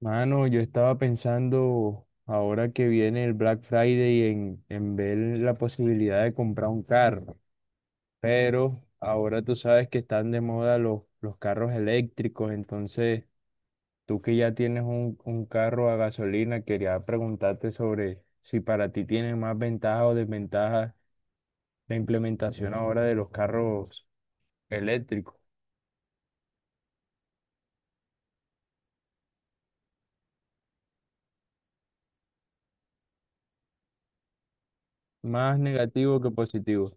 Mano, yo estaba pensando ahora que viene el Black Friday en ver la posibilidad de comprar un carro, pero ahora tú sabes que están de moda los carros eléctricos, entonces tú que ya tienes un carro a gasolina, quería preguntarte sobre si para ti tiene más ventajas o desventajas la implementación ahora de los carros eléctricos, más negativo que positivo.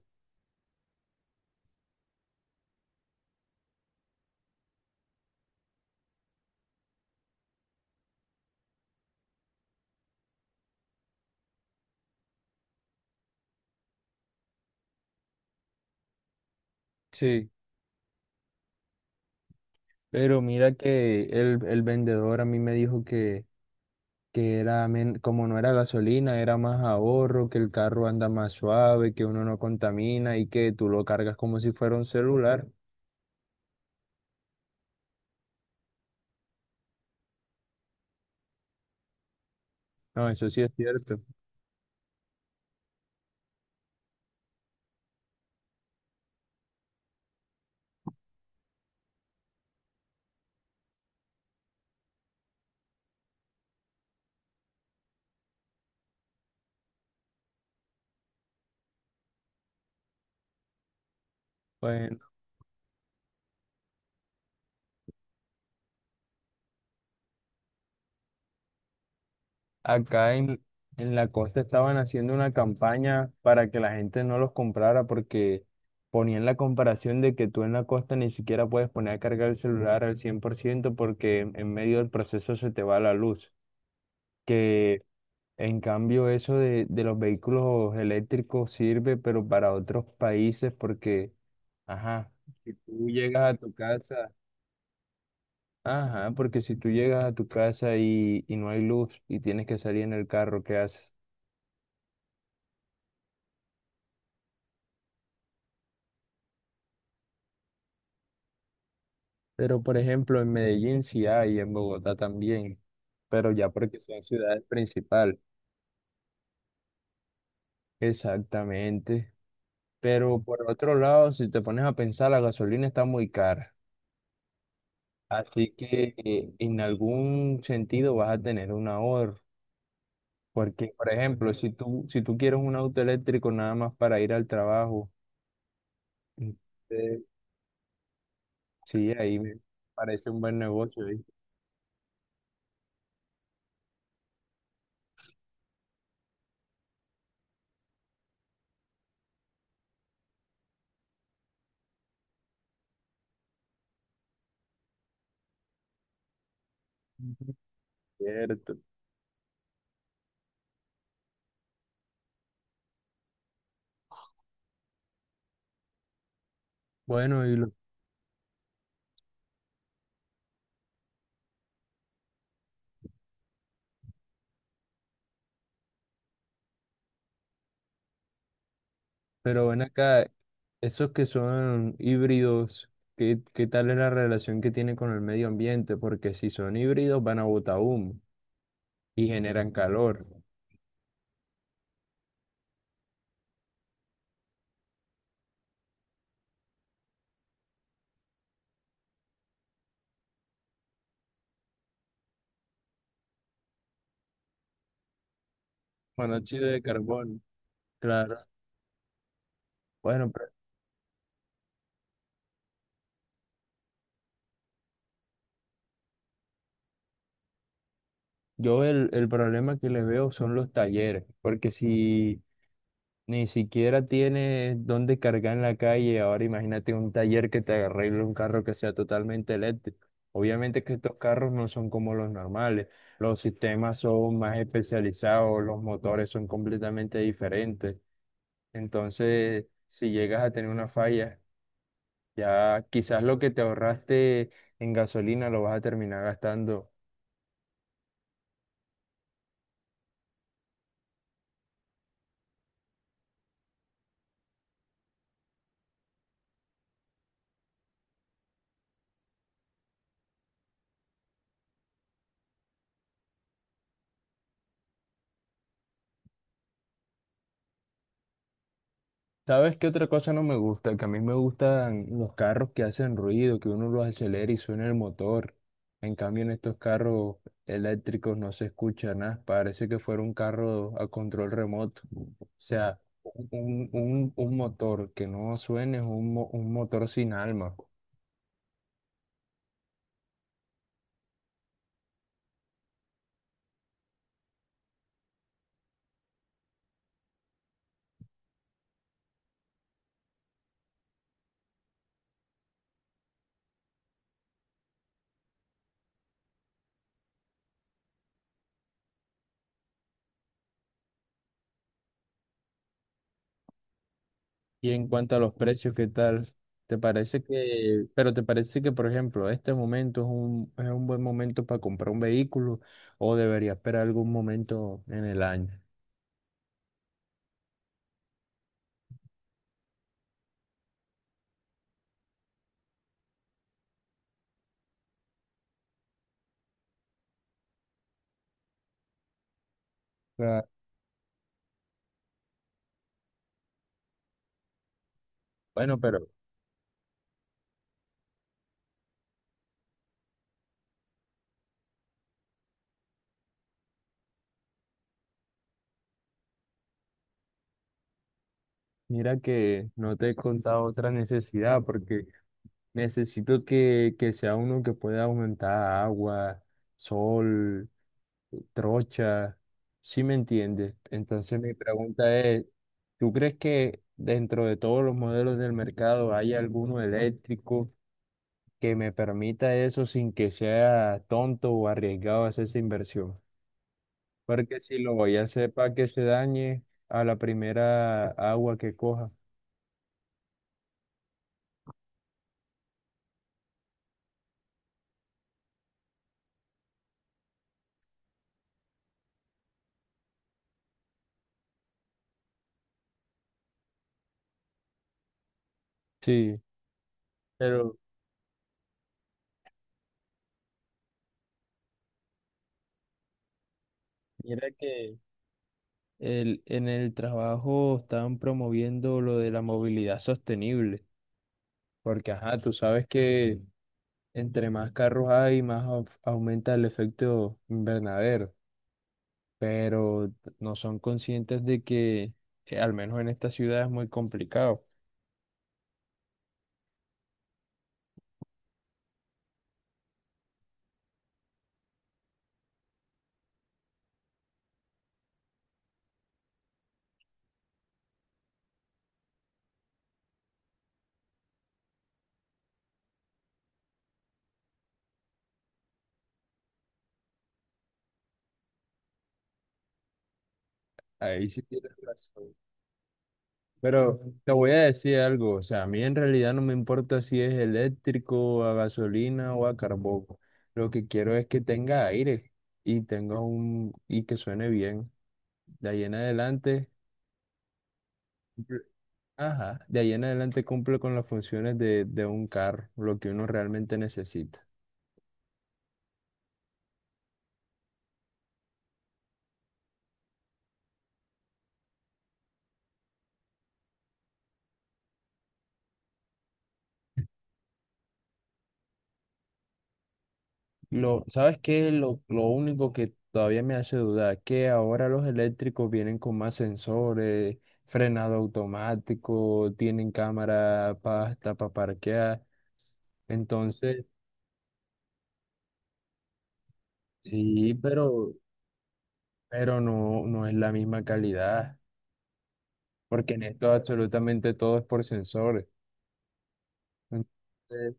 Sí, pero mira que el vendedor a mí me dijo que que era, como no era gasolina, era más ahorro, que el carro anda más suave, que uno no contamina y que tú lo cargas como si fuera un celular. No, eso sí es cierto. Bueno, acá en, en la costa estaban haciendo una campaña para que la gente no los comprara porque ponían la comparación de que tú en la costa ni siquiera puedes poner a cargar el celular al 100% porque en medio del proceso se te va la luz. Que En cambio, eso de los vehículos eléctricos sirve, pero para otros países, porque, ajá, si tú llegas a tu casa, ajá, porque si tú llegas a tu casa y no hay luz y tienes que salir en el carro, ¿qué haces? Pero, por ejemplo, en Medellín sí hay, en Bogotá también, pero ya porque son ciudades principales. Exactamente. Pero por otro lado, si te pones a pensar, la gasolina está muy cara. Así que en algún sentido vas a tener un ahorro. Porque, por ejemplo, si tú quieres un auto eléctrico nada más para ir al trabajo, entonces, sí, ahí me parece un buen negocio, ¿viste? Ujú. Cierto. Bueno, y lo- pero ven acá, esos que son híbridos, ¿ qué tal es la relación que tienen con el medio ambiente? Porque si son híbridos van a botar humo y generan calor, monóxido de carbono, claro. Bueno, pero yo el problema que les veo son los talleres. Porque si Ni siquiera tienes dónde cargar en la calle. Ahora imagínate un taller que te arregle un carro que sea totalmente eléctrico. Obviamente que estos carros no son como los normales. Los sistemas son más especializados, los motores son completamente diferentes. Entonces, si llegas a tener una falla, ya quizás lo que te ahorraste en gasolina lo vas a terminar gastando. ¿Sabes qué otra cosa no me gusta? Que a mí me gustan los carros que hacen ruido, que uno los acelera y suena el motor. En cambio, en estos carros eléctricos no se escucha nada. Parece que fuera un carro a control remoto. O sea, un motor que no suene es un motor sin alma. Y en cuanto a los precios, ¿qué tal? ¿ Pero te parece que, por ejemplo, este momento es es un buen momento para comprar un vehículo o debería esperar algún momento en el año? Claro. Bueno, pero mira que no te he contado otra necesidad, porque necesito que sea uno que pueda aumentar agua, sol, trocha, ¿sí me entiendes? Entonces mi pregunta es, ¿tú crees que dentro de todos los modelos del mercado hay alguno eléctrico que me permita eso sin que sea tonto o arriesgado hacer esa inversión? Porque si lo voy a hacer para que se dañe a la primera agua que coja. Sí, pero mira que en el trabajo están promoviendo lo de la movilidad sostenible, porque ajá, tú sabes que entre más carros hay, aumenta el efecto invernadero, pero no son conscientes de que, al menos en esta ciudad, es muy complicado. Ahí sí tienes razón. Pero te voy a decir algo, o sea, a mí en realidad no me importa si es eléctrico, a gasolina o a carbón. Lo que quiero es que tenga aire y tenga un y que suene bien. De ahí en adelante, cumple- ajá, de ahí en adelante cumple con las funciones de un carro, lo que uno realmente necesita. ¿Sabes qué? Lo único que todavía me hace dudar, que ahora los eléctricos vienen con más sensores, frenado automático, tienen cámara para hasta para parquear. Entonces, sí, pero, no es la misma calidad, porque en esto absolutamente todo es por sensores. Entonces,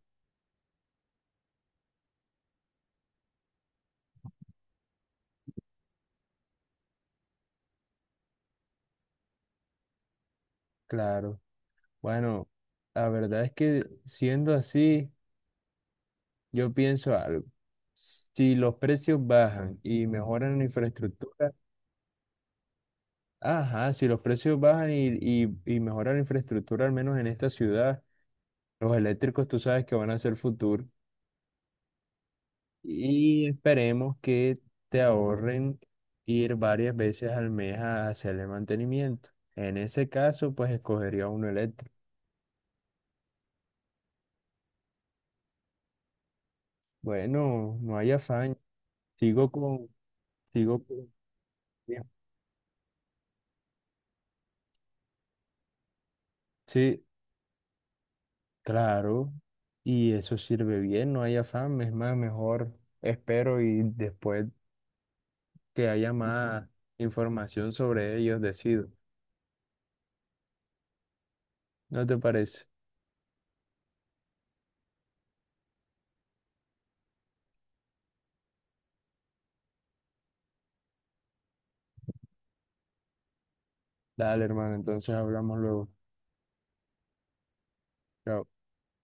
claro, bueno, la verdad es que siendo así, yo pienso algo. Si los precios bajan y mejoran la infraestructura, ajá, si los precios bajan y mejora la infraestructura, al menos en esta ciudad, los eléctricos tú sabes que van a ser futuro. Y esperemos que te ahorren ir varias veces al mes a hacerle mantenimiento. En ese caso, pues escogería uno eléctrico. Bueno, no hay afán. Sigo con, sigo con. Bien. Sí, claro. Y eso sirve bien, no hay afán. Es más, mejor espero y después que haya más información sobre ellos, decido. ¿No te parece? Dale, hermano, entonces hablamos luego. Chao.